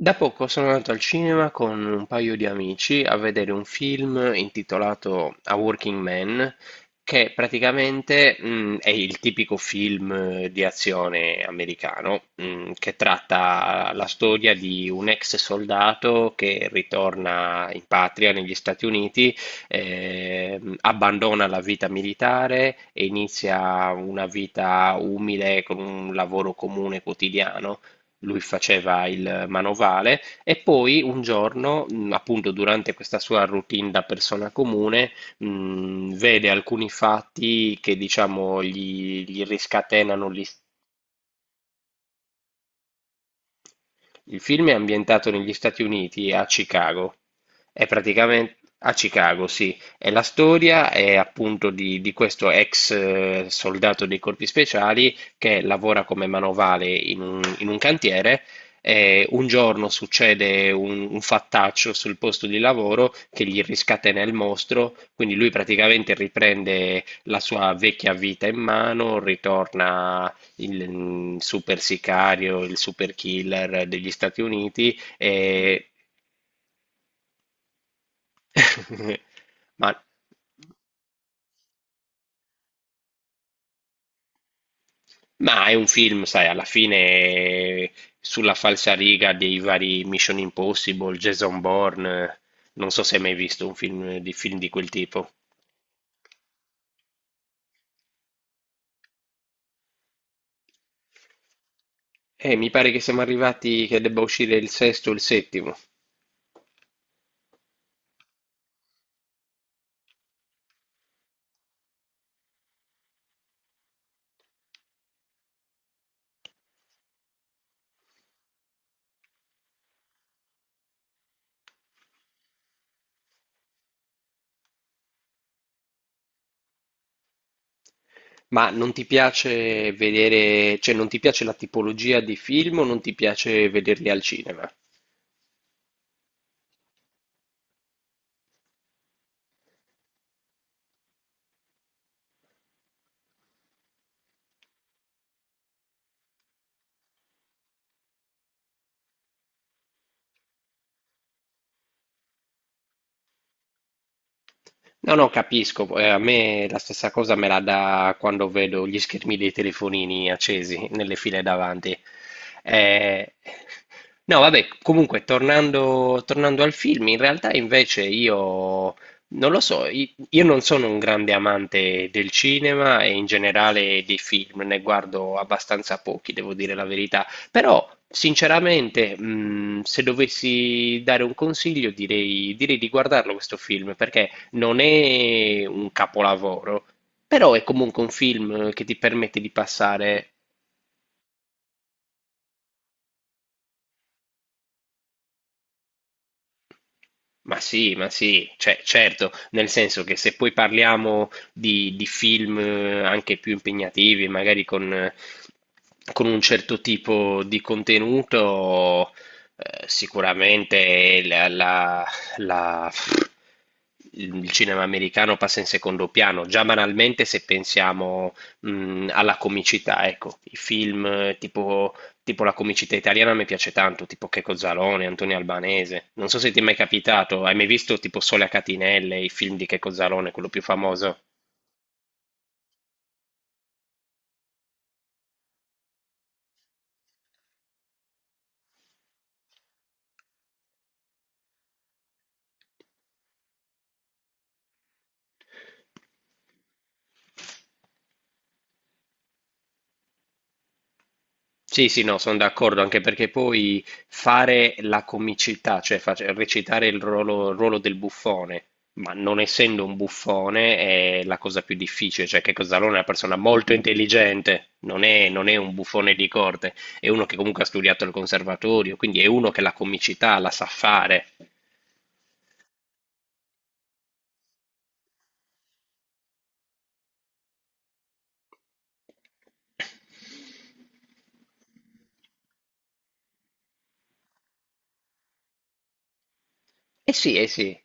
Da poco sono andato al cinema con un paio di amici a vedere un film intitolato A Working Man, che praticamente, è il tipico film di azione americano, che tratta la storia di un ex soldato che ritorna in patria negli Stati Uniti, abbandona la vita militare e inizia una vita umile con un lavoro comune quotidiano. Lui faceva il manovale e poi un giorno, appunto durante questa sua routine da persona comune, vede alcuni fatti che diciamo gli riscatenano il film è ambientato negli Stati Uniti e a Chicago. È praticamen- A Chicago, sì. E la storia è appunto di questo ex soldato dei corpi speciali che lavora come manovale in un cantiere. E un giorno succede un fattaccio sul posto di lavoro che gli riscatena il mostro, quindi lui praticamente riprende la sua vecchia vita in mano, ritorna il super sicario, il super killer degli Stati Uniti. E... Ma, ma è un film, sai, alla fine sulla falsariga dei vari Mission Impossible, Jason Bourne. Non so se hai mai visto un film di quel tipo. Mi pare che siamo arrivati che debba uscire il sesto o il settimo. Ma non ti piace vedere, cioè non ti piace la tipologia di film o non ti piace vederli al cinema? No, no, capisco. A me la stessa cosa me la dà quando vedo gli schermi dei telefonini accesi nelle file davanti. Eh, No, vabbè, comunque, tornando al film, in realtà invece io non lo so, io non sono un grande amante del cinema e in generale dei film, ne guardo abbastanza pochi, devo dire la verità, però sinceramente, se dovessi dare un consiglio, direi di guardarlo questo film, perché... Non è un capolavoro, però è comunque un film che ti permette di passare. Ma sì, cioè, certo, nel senso che se poi parliamo di film anche più impegnativi, magari con un certo tipo di contenuto, sicuramente la- il cinema americano passa in secondo piano. Già banalmente se pensiamo, alla comicità, ecco, i film tipo... Tipo la comicità italiana mi piace tanto, tipo Checco Zalone, Antonio Albanese. Non so se ti è mai capitato, hai mai visto tipo Sole a catinelle, i film di Checco Zalone, quello più famoso? Sì, sì, no, sono d'accordo, anche perché poi fare la comicità, cioè recitare il ruolo del buffone, ma non essendo un buffone è la cosa più difficile, cioè Checco Zalone è una persona molto intelligente, non è un buffone di corte, è uno che comunque ha studiato al conservatorio, quindi è uno che la comicità la sa fare. Eh sì, eh sì.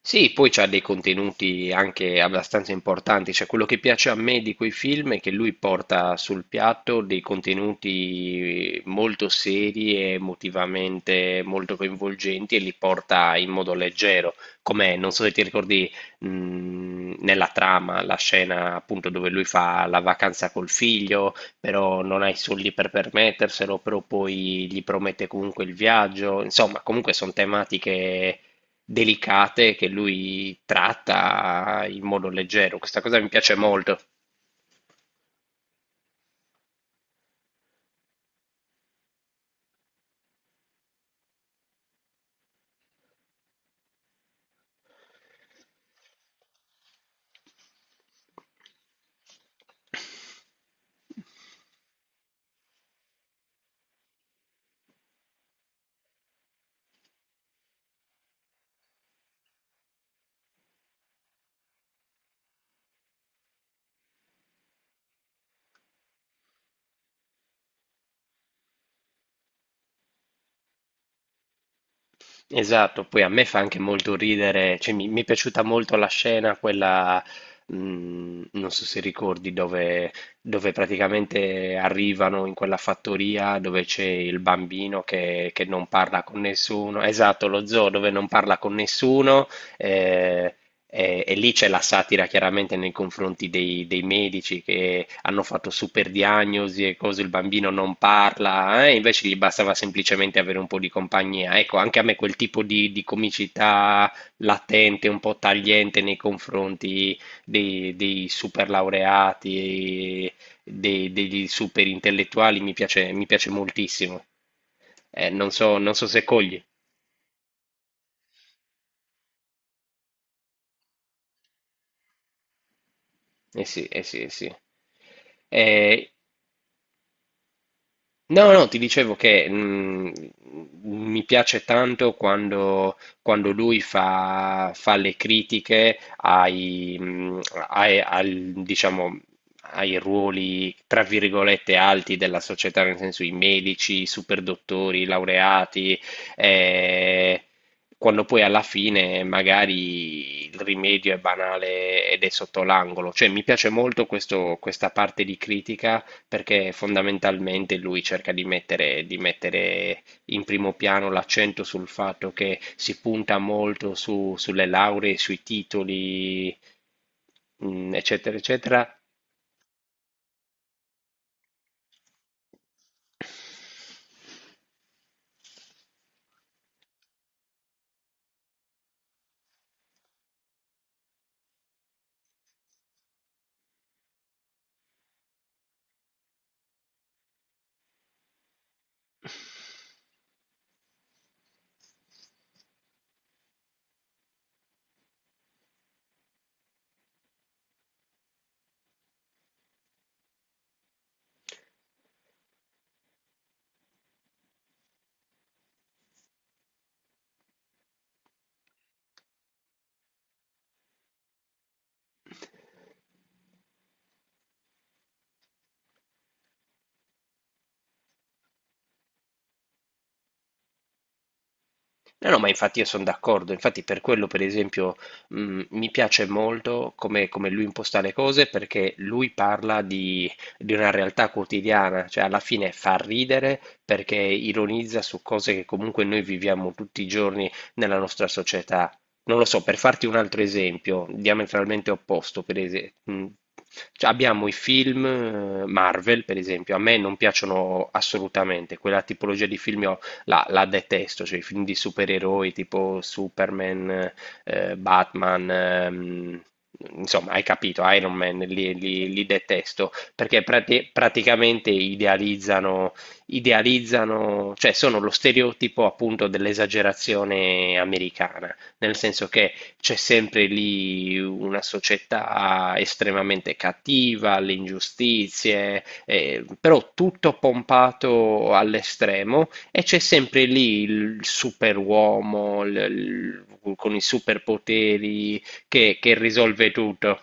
Sì, poi c'ha dei contenuti anche abbastanza importanti, cioè quello che piace a me di quei film è che lui porta sul piatto dei contenuti molto seri e emotivamente molto coinvolgenti e li porta in modo leggero, come non so se ti ricordi nella trama la scena appunto dove lui fa la vacanza col figlio, però non ha i soldi per permetterselo, però poi gli promette comunque il viaggio, insomma comunque sono tematiche delicate che lui tratta in modo leggero. Questa cosa mi piace molto. Esatto, poi a me fa anche molto ridere, cioè mi è piaciuta molto la scena, quella, non so se ricordi, dove praticamente arrivano in quella fattoria dove c'è il bambino che non parla con nessuno, esatto, lo zoo dove non parla con nessuno, eh, e lì c'è la satira chiaramente nei confronti dei medici che hanno fatto super diagnosi e cose, il bambino non parla, invece gli bastava semplicemente avere un po' di compagnia. Ecco, anche a me quel tipo di comicità latente, un po' tagliente nei confronti dei super laureati, degli super intellettuali, mi piace moltissimo. Non so se cogli. Eh sì, eh sì, eh sì. Eh, no, no, ti dicevo che mi piace tanto quando lui fa le critiche ai, diciamo, ai ruoli, tra virgolette, alti della società, nel senso i medici, i superdottori, i laureati, eh, quando poi alla fine magari il rimedio è banale ed è sotto l'angolo. Cioè, mi piace molto questa parte di critica perché fondamentalmente lui cerca di mettere in primo piano l'accento sul fatto che si punta molto sulle lauree, sui titoli, eccetera, eccetera. No, no, ma infatti io sono d'accordo, infatti per quello per esempio mi piace molto come lui imposta le cose perché lui parla di una realtà quotidiana, cioè alla fine fa ridere perché ironizza su cose che comunque noi viviamo tutti i giorni nella nostra società. Non lo so, per farti un altro esempio, diametralmente opposto, per esempio, cioè, abbiamo i film Marvel, per esempio, a me non piacciono assolutamente, quella tipologia di film la detesto, cioè i film di supereroi tipo Superman, Batman, insomma, hai capito, Iron Man, li detesto, perché praticamente idealizzano, idealizzano, cioè sono lo stereotipo appunto dell'esagerazione americana, nel senso che c'è sempre lì una società estremamente cattiva, le ingiustizie, però tutto pompato all'estremo e c'è sempre lì il superuomo con i superpoteri che risolve tutto.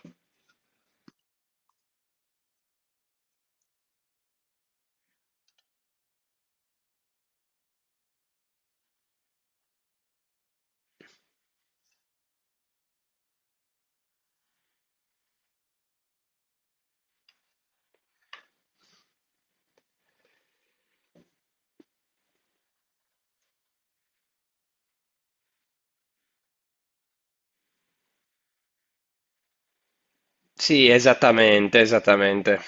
Sì, esattamente, esattamente.